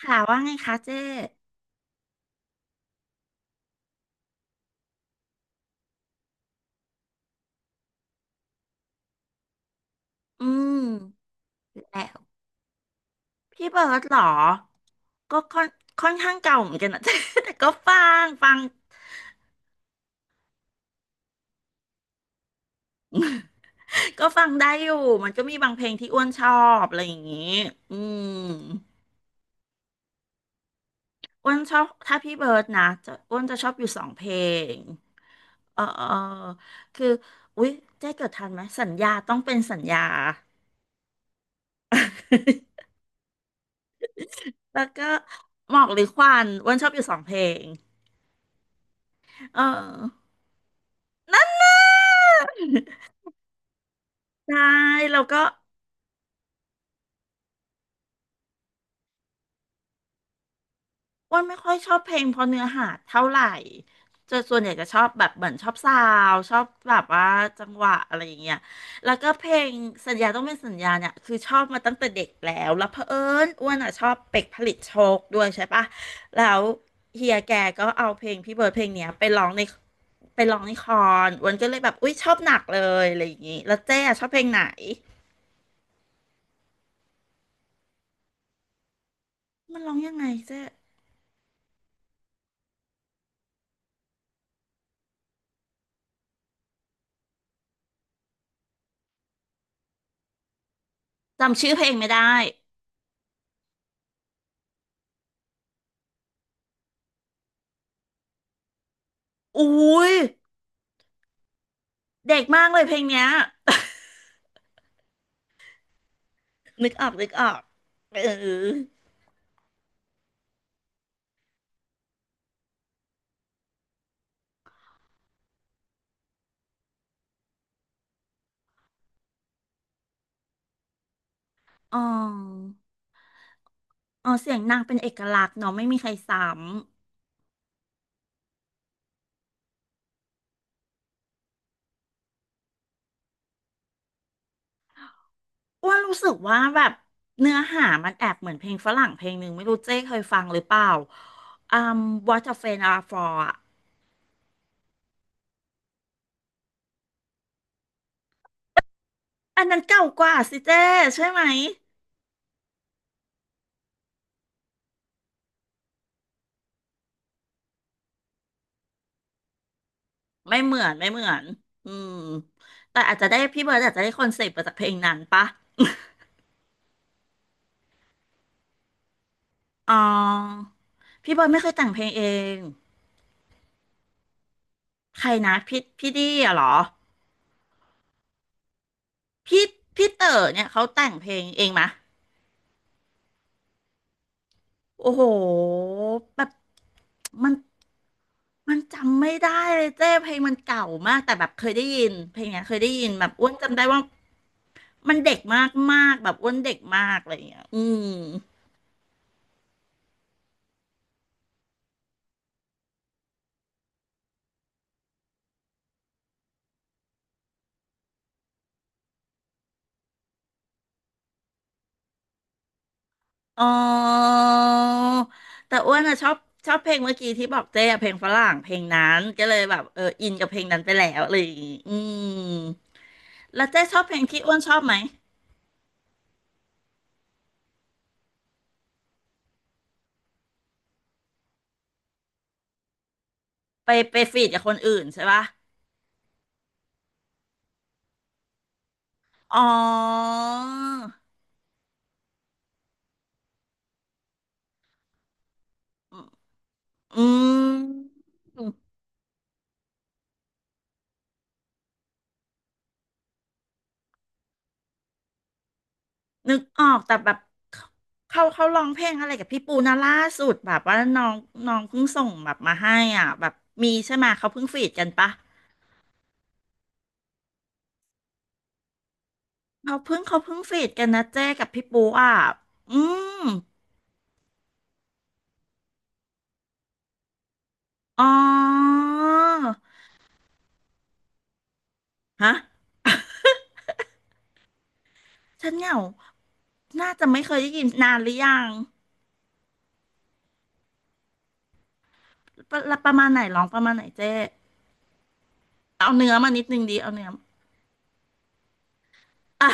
ค่ะว่าไงคะเจ๊อืมแล้วพี่เบิร์ดเหรอก็ค่อนข้างเก่าเหมือนกันนะ เจ๊ แต่ก็ฟังฟังก็ฟังได้อยู่ มันก็มีบางเพลงที่อ้วนชอบอะไรอย่างงี้อืมอ้วนชอบถ้าพี่เบิร์ดนะจะอ้วนจะชอบอยู่สองเพลง เออเออคืออุ๊ยเจ๊เกิดทันไหมสัญญาต้องเป็นสัญญา แล้วก็หมอกหรือควันอ้วนชอบอยู่สองเพลงเออใช่แล้วก็ อ้วนไม่ค่อยชอบเพลงเพราะเนื้อหาเท่าไหร่จะส่วนใหญ่จะชอบแบบเหมือนชอบซาวด์ชอบแบบว่าจังหวะอะไรอย่างเงี้ยแล้วก็เพลงสัญญาต้องเป็นสัญญาเนี่ยคือชอบมาตั้งแต่เด็กแล้วแล้วเผอิญอ้วนอ่ะชอบเป็กผลิตโชคด้วยใช่ปะแล้วเฮียแกก็เอาเพลงพี่เบิร์ดเพลงเนี้ยไปร้องในคอนอ้วนก็เลยแบบอุ้ยชอบหนักเลยอะไรอย่างงี้แล้วเจ๊อะชอบเพลงไหนมันร้องยังไงเจ๊จำชื่อเพลงไม่ได้อุ้ยเด็กมากเลยเพลงเนี้ย นึกออกนึกออกเอออ๋ออ๋อเสียงนางเป็นเอกลักษณ์เนาะไม่มีใครซ้ำอ้วนรู้สึกว่าแบบเนื้อหามันแอบเหมือนเพลงฝรั่งเพลงหนึ่งไม่รู้เจ๊เคยฟังหรือเปล่าอืม What a Friend Are For อะอันนั้นเก่ากว่าสิเจ๊ใช่ไหมไม่เหมือนไม่เหมือน อืมแต่อาจจะได้พี่เบิร์ดอาจจะได้คอนเซปต์มาจากเพลงนั้นปะอ๋อ พี่เบิร์ดไม่เคยแต่งเพลงเองใครนะพี่ดี้อะเหรอ พี่เต๋อเนี่ยเขาแต่งเพลงเองมะโอ้โหแบบมันมันจำไม่ได้เลยเจ้เพลงมันเก่ามากแต่แบบเคยได้ยินเพลงเนี้ยเคยได้ยินแบบอ้วนจำได้ว่ามันเด็กมากมากแบบอ้วนเด็กมากอะไรอย่างเงี้ยอืมอ๋อแต่อ้วนอะชอบชอบเพลงเมื่อกี้ที่บอกเจ้อะเพลงฝรั่งเพลงนั้นก็เลยแบบเอออินกับเพลงนั้นไปแล้วอะไรอย่างงี้อืมแล้วเจ้ชอบเพลงที่อ้วนชอบไหมไปฟีดกับคนอื่นใช่ปะ อ๋ออืมนึกออกแต่แบบเขาร้องเพลงอะไรกับพี่ปูนะล่าสุดแบบว่าน้องน้องเพิ่งส่งแบบมาให้อ่ะแบบมีใช่ไหมเขาเพิ่งฟีดกันปะเขาเพิ่งฟีดกันนะเจ้กับพี่ปูอ่ะอืมอ๋อฮะฉันเหงาน่าจะไม่เคยได้ยินนานหรือยังประมาณไหนร้องประมาณไหนเจ้เอาเนื้อมานิดนึงดีเอาเนื้ออ่ะ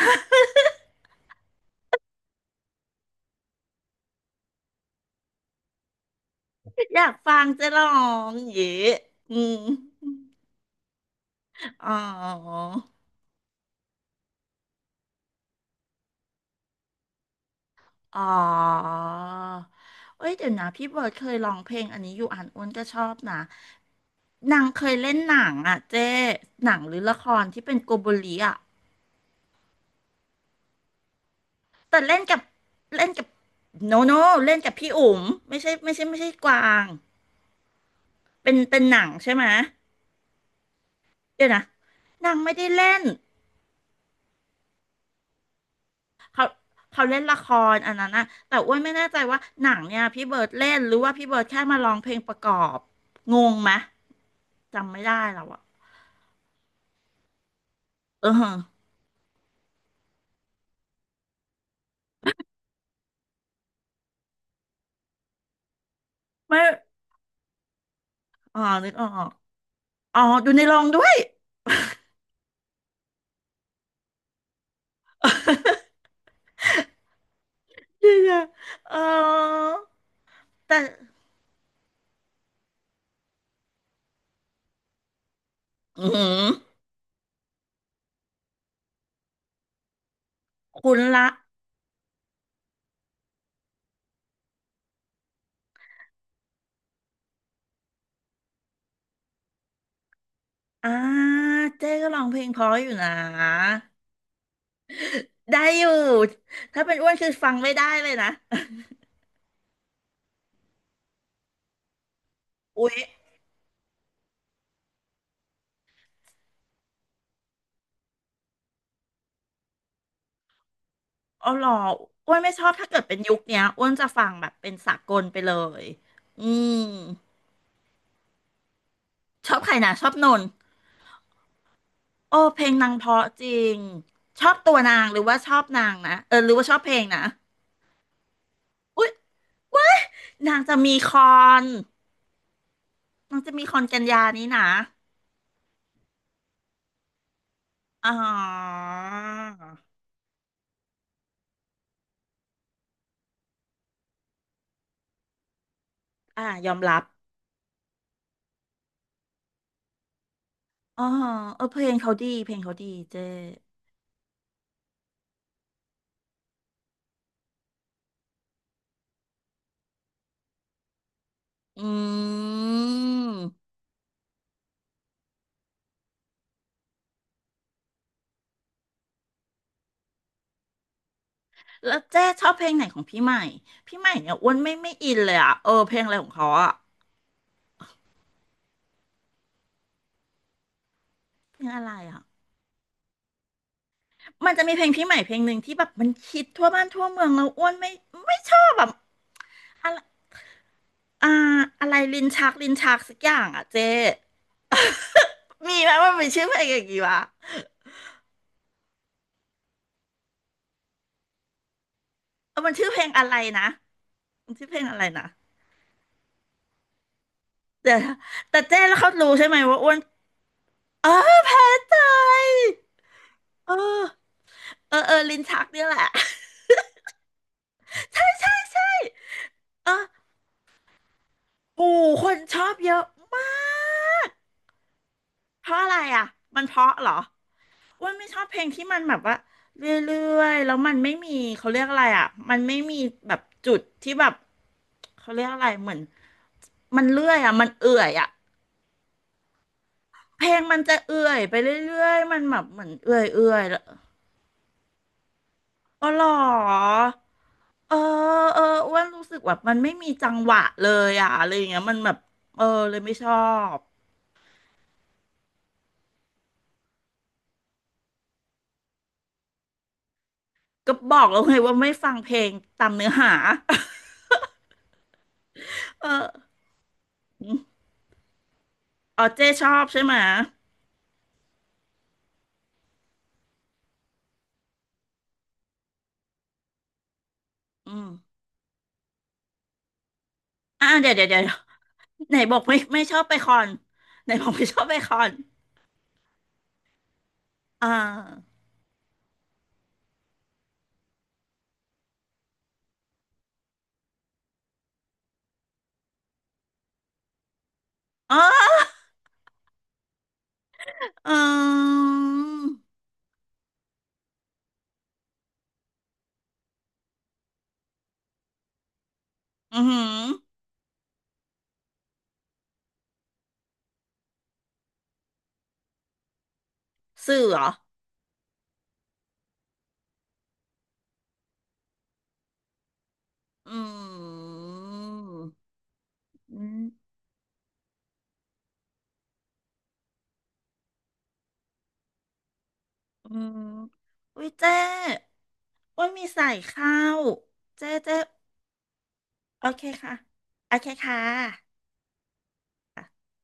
อยากฟังจะร้องอย่างงี้อืมอ๋ออ๋อเอ้ยเดี๋ยวนะพี่เบิร์ดเคยร้องเพลงอันนี้อยู่อ่านอ้วนก็ชอบนะนางเคยเล่นหนังอ่ะเจ้หนังหรือละครที่เป็นโกโบลีอ่ะแต่เล่นกับเล่นกับโนโนเล่นกับพี่อุ๋มไม่ใช่ไม่ใช่ไม่ใช่กวางเป็นหนังใช่ไหมยเดี๋ยวนะนางไม่ได้เล่น เขาเขาเล่นละครอันนั้นนะแต่อ้วนไม่แน่ใจว่าหนังเนี่ยพี่เบิร์ดเล่นหรือว่าพี่เบิร์ดแค่มาร้องเพลงประกอบงงไหมจำไม่ได้แล้วอะเออไม่อ๋อนึกออกอ๋อดูในโรงด้วย เดี๋ยวๆเออแต่อือหือคุณละอ่าเจ๊ก็ร้องเพลงเพราะอยู่นะได้อยู่ถ้าเป็นอ้วนคือฟังไม่ได้เลยนะอุ๊ย เอาหรออ้วนไม่ชอบถ้าเกิดเป็นยุคเนี้ยอ้วนจะฟังแบบเป็นสากลไปเลยอืมชอบใครนะชอบนนท์โอ้เพลงนางเพราะจริงชอบตัวนางหรือว่าชอบนางนะเออหรือว่าชอบเพลงนะอุ๊ยนางจะมีคอนนางจะมีคอนกันยานี้นะอ๋ออ่ายอมรับอ๋อเออเพลงเขาดีเพลงเขาดีเจ้อืม แล้วเจ๊ชอบเพลงไหนของพี่ใหม่พี่ใหม่เนี่ยอ้วนไม่อินเลยอ่ะเออเพลงอะไรของเขาอ่ะเพลงอะไรอ่ะมันจะมีเพลงพี่ใหม่เพลงหนึ่งที่แบบมันคิดทั่วบ้านทั่วเมืองแล้วอ้วนไม่ชอบแบบอะไรอ่าอะไรลิ้นชักลิ้นชักสักอย่างอ่ะเจ๊ มีไหมว่ามันชื่อเพลงอย่างงี้วะเออมันชื่อเพลงอะไรนะมันชื่อเพลงอะไรนะเดี๋ยวนะแต่เจ๊แล้วเขารู้ใช่ไหมว่าอ้วนเออแพ้ใจเออเออเออลิ้นชักเนี่ยแหละ เออ ปู่คนชอบเยอะมาก เพราะอะไรอ่ะมันเพราะเหรออ้วนไม่ชอบเพลงที่มันแบบว่าเรื่อยๆแล้วมันไม่มีเขาเรียกอะไรอ่ะมันไม่มีแบบจุดที่แบบเขาเรียกอะไรเหมือนมันเรื่อยอ่ะมันเอื่อยอ่ะเพลงมันจะเอื่อยไปเรื่อยๆมันแบบเหมือนเอื่อยเอื่อยแล้วอ๋อเหรอเออเอออ้วนรู้สึกแบบมันไม่มีจังหวะเลยอ่ะอะไรอย่างเงี้ยมันแบบเออเลยไม่ชอบก็บอกแล้วไงว่าไม่ฟังเพลงตามเนื้อหา เอออืมอ๋อเจ๊ชอบใช่ไหมอืมอ่าเดี๋ยวเดี๋ยวเดี๋ยวไหนบอกไม่ชอบไปคอนไหนบอกไม่ชอบไปคอนอ่าอ๋ออืมอือหือสื่อเหรอ อืมอืมอืมอุ้ยเจ๊ว่ามีใส่ข้าวเจ๊เจ๊โอเคค่ะ โอเคค่ะ